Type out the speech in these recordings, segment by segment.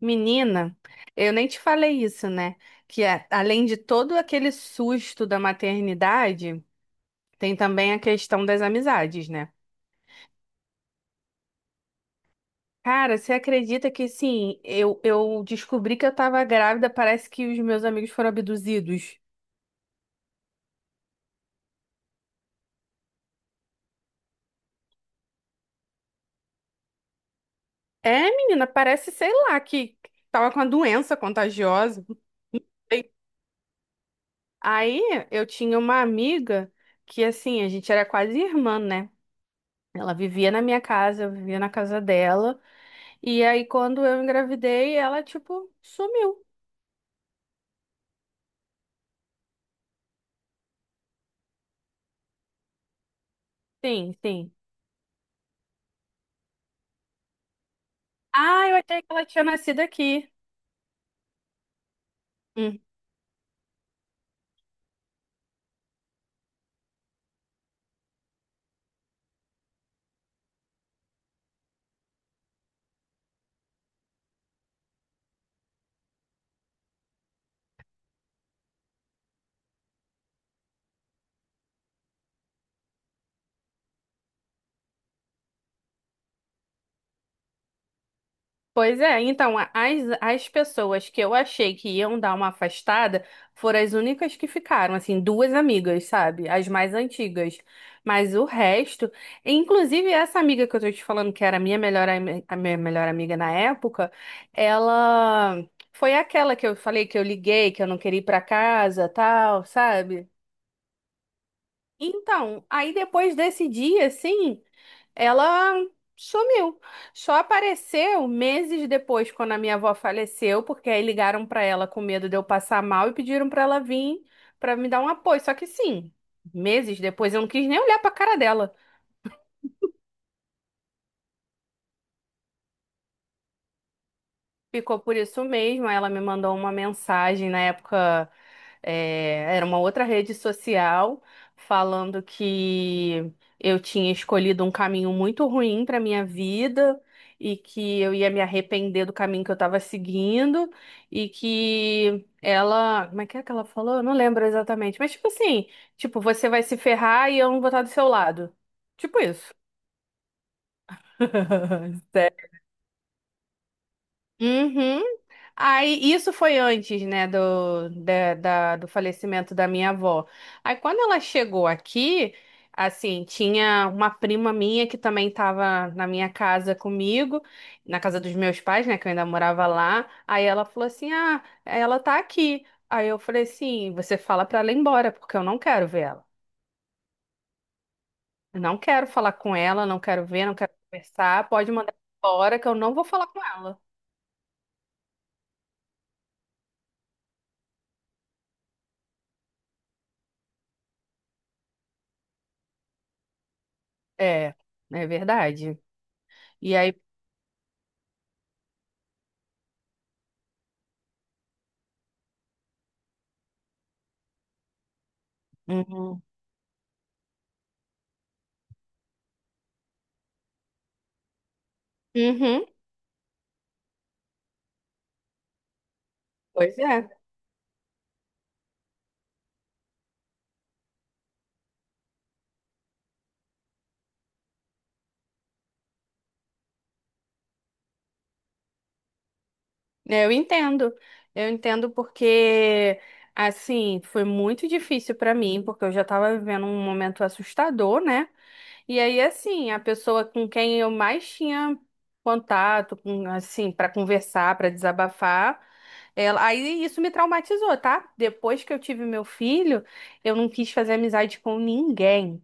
Menina, eu nem te falei isso, né? Que além de todo aquele susto da maternidade, tem também a questão das amizades, né? Cara, você acredita que sim, eu descobri que eu tava grávida, parece que os meus amigos foram abduzidos. É, menina, parece, sei lá, que tava com a doença contagiosa. Não sei. Aí eu tinha uma amiga que, assim, a gente era quase irmã, né? Ela vivia na minha casa, eu vivia na casa dela. E aí, quando eu engravidei, ela, tipo, sumiu. Sim, sim. Ah, eu achei que ela tinha nascido aqui. Hum. Pois é, então, as pessoas que eu achei que iam dar uma afastada foram as únicas que ficaram, assim, duas amigas, sabe? As mais antigas. Mas o resto, inclusive essa amiga que eu tô te falando, que era a minha melhor, a minha melhor amiga na época, ela foi aquela que eu falei que eu liguei, que eu não queria ir pra casa, tal, sabe? Então, aí depois desse dia, assim, ela sumiu. Só apareceu meses depois, quando a minha avó faleceu, porque aí ligaram pra ela com medo de eu passar mal e pediram pra ela vir pra me dar um apoio. Só que sim, meses depois eu não quis nem olhar pra cara dela. Ficou por isso mesmo. Ela me mandou uma mensagem na época, era uma outra rede social, falando que eu tinha escolhido um caminho muito ruim para minha vida e que eu ia me arrepender do caminho que eu estava seguindo e que ela, como é que ela falou? Eu não lembro exatamente, mas tipo assim, tipo, você vai se ferrar e eu não vou estar do seu lado. Tipo isso. Uhum. Aí, isso foi antes, né, do, do falecimento da minha avó. Aí, quando ela chegou aqui, assim, tinha uma prima minha que também estava na minha casa comigo, na casa dos meus pais, né, que eu ainda morava lá. Aí ela falou assim: Ah, ela tá aqui. Aí eu falei assim: Você fala pra ela ir embora, porque eu não quero ver ela. Eu não quero falar com ela, não quero ver, não quero conversar. Pode mandar embora, que eu não vou falar com ela. É, é verdade. E aí. Uhum. Uhum, pois é. Eu entendo. Eu entendo porque, assim, foi muito difícil pra mim, porque eu já tava vivendo um momento assustador, né? E aí, assim, a pessoa com quem eu mais tinha contato, com, assim, pra conversar, pra desabafar, ela... aí isso me traumatizou, tá? Depois que eu tive meu filho, eu não quis fazer amizade com ninguém.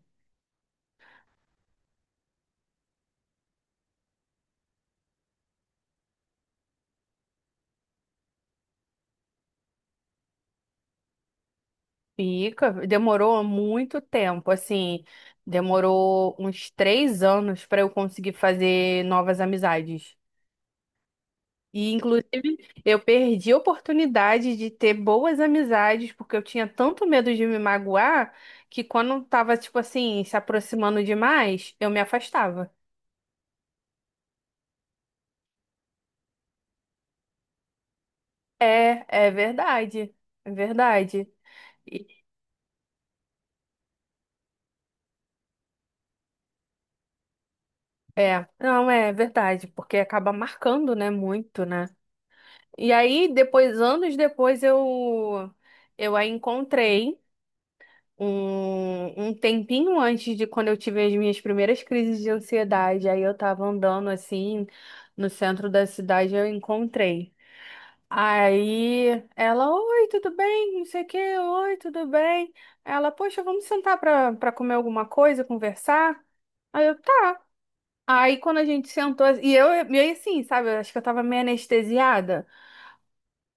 Fica, demorou muito tempo, assim, demorou uns 3 anos para eu conseguir fazer novas amizades. E, inclusive, eu perdi a oportunidade de ter boas amizades, porque eu tinha tanto medo de me magoar, que quando tava, tipo assim, se aproximando demais, eu me afastava. É, é verdade, é verdade. E- É, não, é verdade, porque acaba marcando, né, muito, né? E aí, depois, anos depois, eu a encontrei um tempinho antes de quando eu tive as minhas primeiras crises de ansiedade. Aí eu tava andando assim no centro da cidade, eu encontrei. Aí ela, oi, tudo bem? Não sei o quê, oi, tudo bem? Ela, poxa, vamos sentar pra, pra comer alguma coisa, conversar? Aí eu, tá. Aí quando a gente sentou, e eu assim, sabe, eu acho que eu tava meio anestesiada.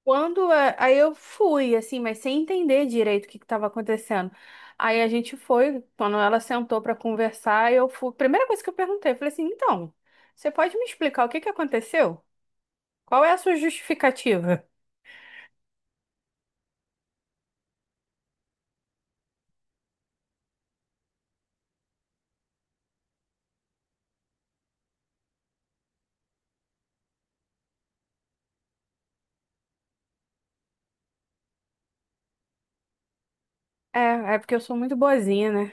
Quando aí eu fui assim, mas sem entender direito o que estava acontecendo. Aí a gente foi, quando ela sentou para conversar, eu fui. Primeira coisa que eu perguntei, eu falei assim: "Então, você pode me explicar o que que aconteceu? Qual é a sua justificativa?" É, é porque eu sou muito boazinha, né?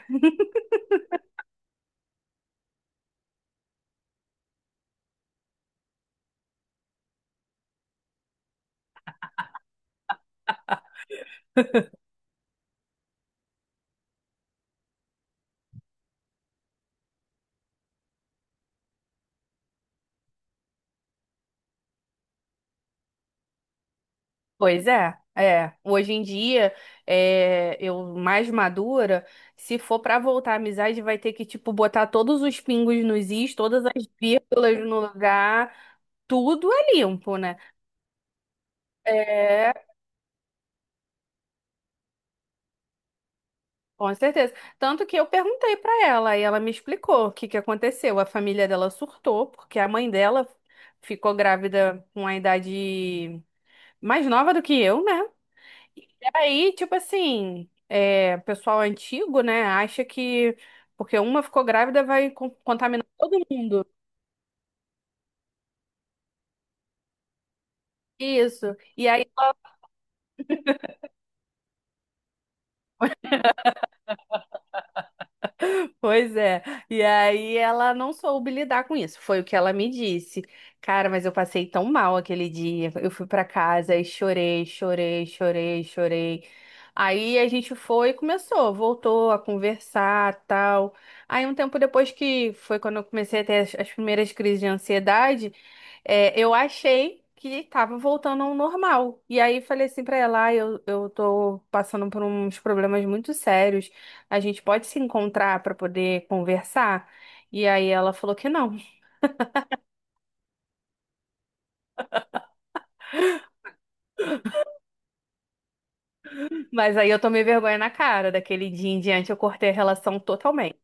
Pois é, é. Hoje em dia, é, eu mais madura, se for para voltar à amizade, vai ter que, tipo, botar todos os pingos nos is, todas as vírgulas no lugar, tudo é limpo, né? É, com certeza. Tanto que eu perguntei para ela e ela me explicou o que que aconteceu. A família dela surtou porque a mãe dela ficou grávida com a idade mais nova do que eu, né? E aí, tipo assim, é, pessoal antigo, né, acha que porque uma ficou grávida vai contaminar todo mundo. Isso. E aí. Pois é. E aí ela não soube lidar com isso. Foi o que ela me disse. Cara, mas eu passei tão mal aquele dia. Eu fui pra casa e chorei, chorei, chorei, chorei. Aí a gente foi e começou, voltou a conversar, tal. Aí um tempo depois que foi quando eu comecei a ter as, as primeiras crises de ansiedade, é, eu achei que tava voltando ao normal. E aí falei assim pra ela, ah, eu tô passando por uns problemas muito sérios. A gente pode se encontrar para poder conversar? E aí ela falou que não. Mas aí eu tomei vergonha na cara. Daquele dia em diante eu cortei a relação totalmente.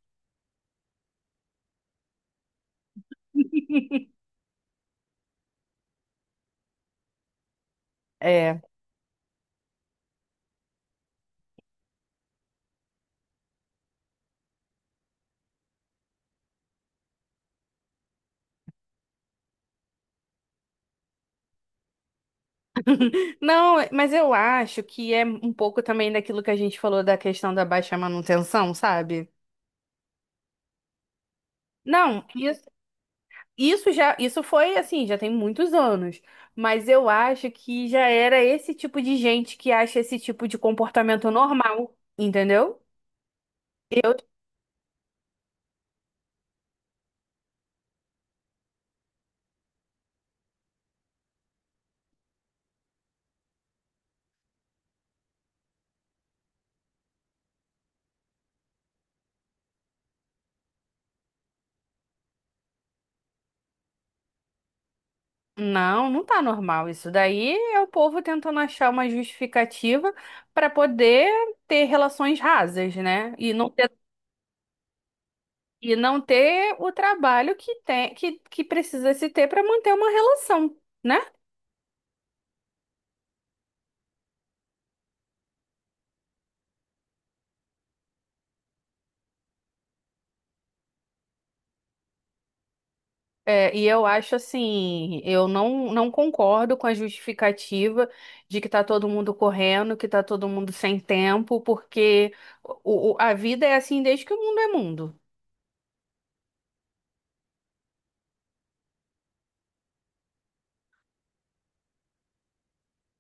É. Não, mas eu acho que é um pouco também daquilo que a gente falou da questão da baixa manutenção, sabe? Não, isso já, isso foi assim, já tem muitos anos. Mas eu acho que já era esse tipo de gente que acha esse tipo de comportamento normal, entendeu? Não, não tá normal. Isso daí é o povo tentando achar uma justificativa para poder ter relações rasas, né? E não ter o trabalho que tem, que precisa se ter para manter uma relação, né? É, e eu acho assim, eu não concordo com a justificativa de que tá todo mundo correndo, que tá todo mundo sem tempo, porque a vida é assim desde que o mundo é mundo.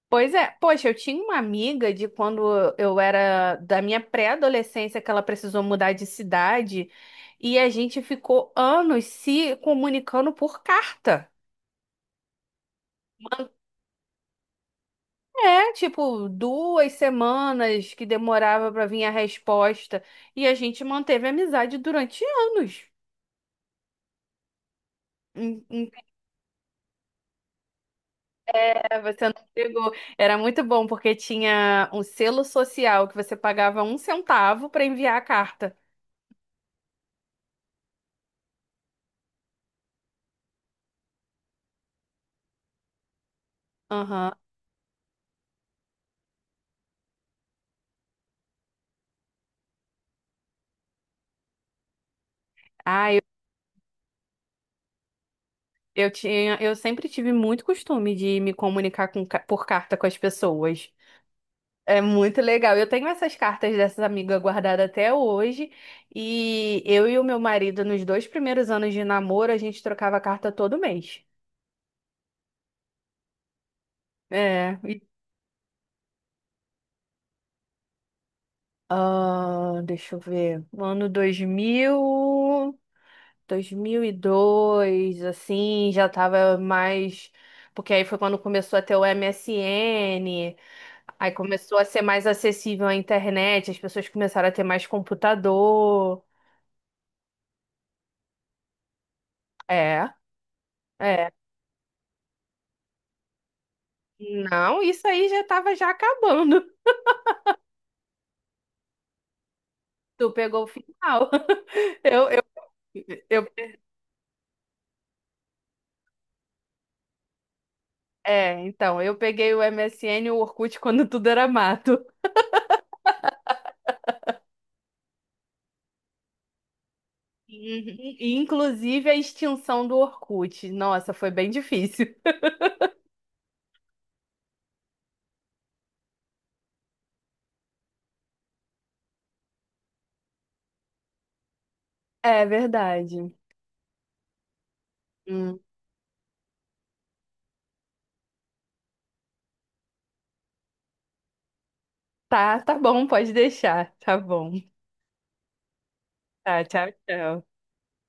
Pois é, poxa, eu tinha uma amiga de quando eu era da minha pré-adolescência que ela precisou mudar de cidade e a gente ficou anos se comunicando por carta. É, tipo, 2 semanas que demorava pra vir a resposta e a gente manteve a amizade durante anos. Hum, hum, é, você não pegou. Era muito bom porque tinha um selo social que você pagava 1 centavo pra enviar a carta. Aham. Ah, Eu sempre tive muito costume de me comunicar com por carta com as pessoas. É muito legal. Eu tenho essas cartas dessas amigas guardadas até hoje. E eu e o meu marido, nos 2 primeiros anos de namoro, a gente trocava carta todo mês. É. Ah, deixa eu ver. No ano 2000, 2002, assim, já tava mais. Porque aí foi quando começou a ter o MSN. Aí começou a ser mais acessível a internet, as pessoas começaram a ter mais computador. É, é. Não, isso aí já estava já acabando. Tu pegou o final. Eu, eu, eu, então, eu peguei o MSN e o Orkut quando tudo era mato. Uhum. E, inclusive a extinção do Orkut. Nossa, foi bem difícil. É verdade. Hum. Tá, tá bom, pode deixar. Tá bom. Tá, tchau, tchau.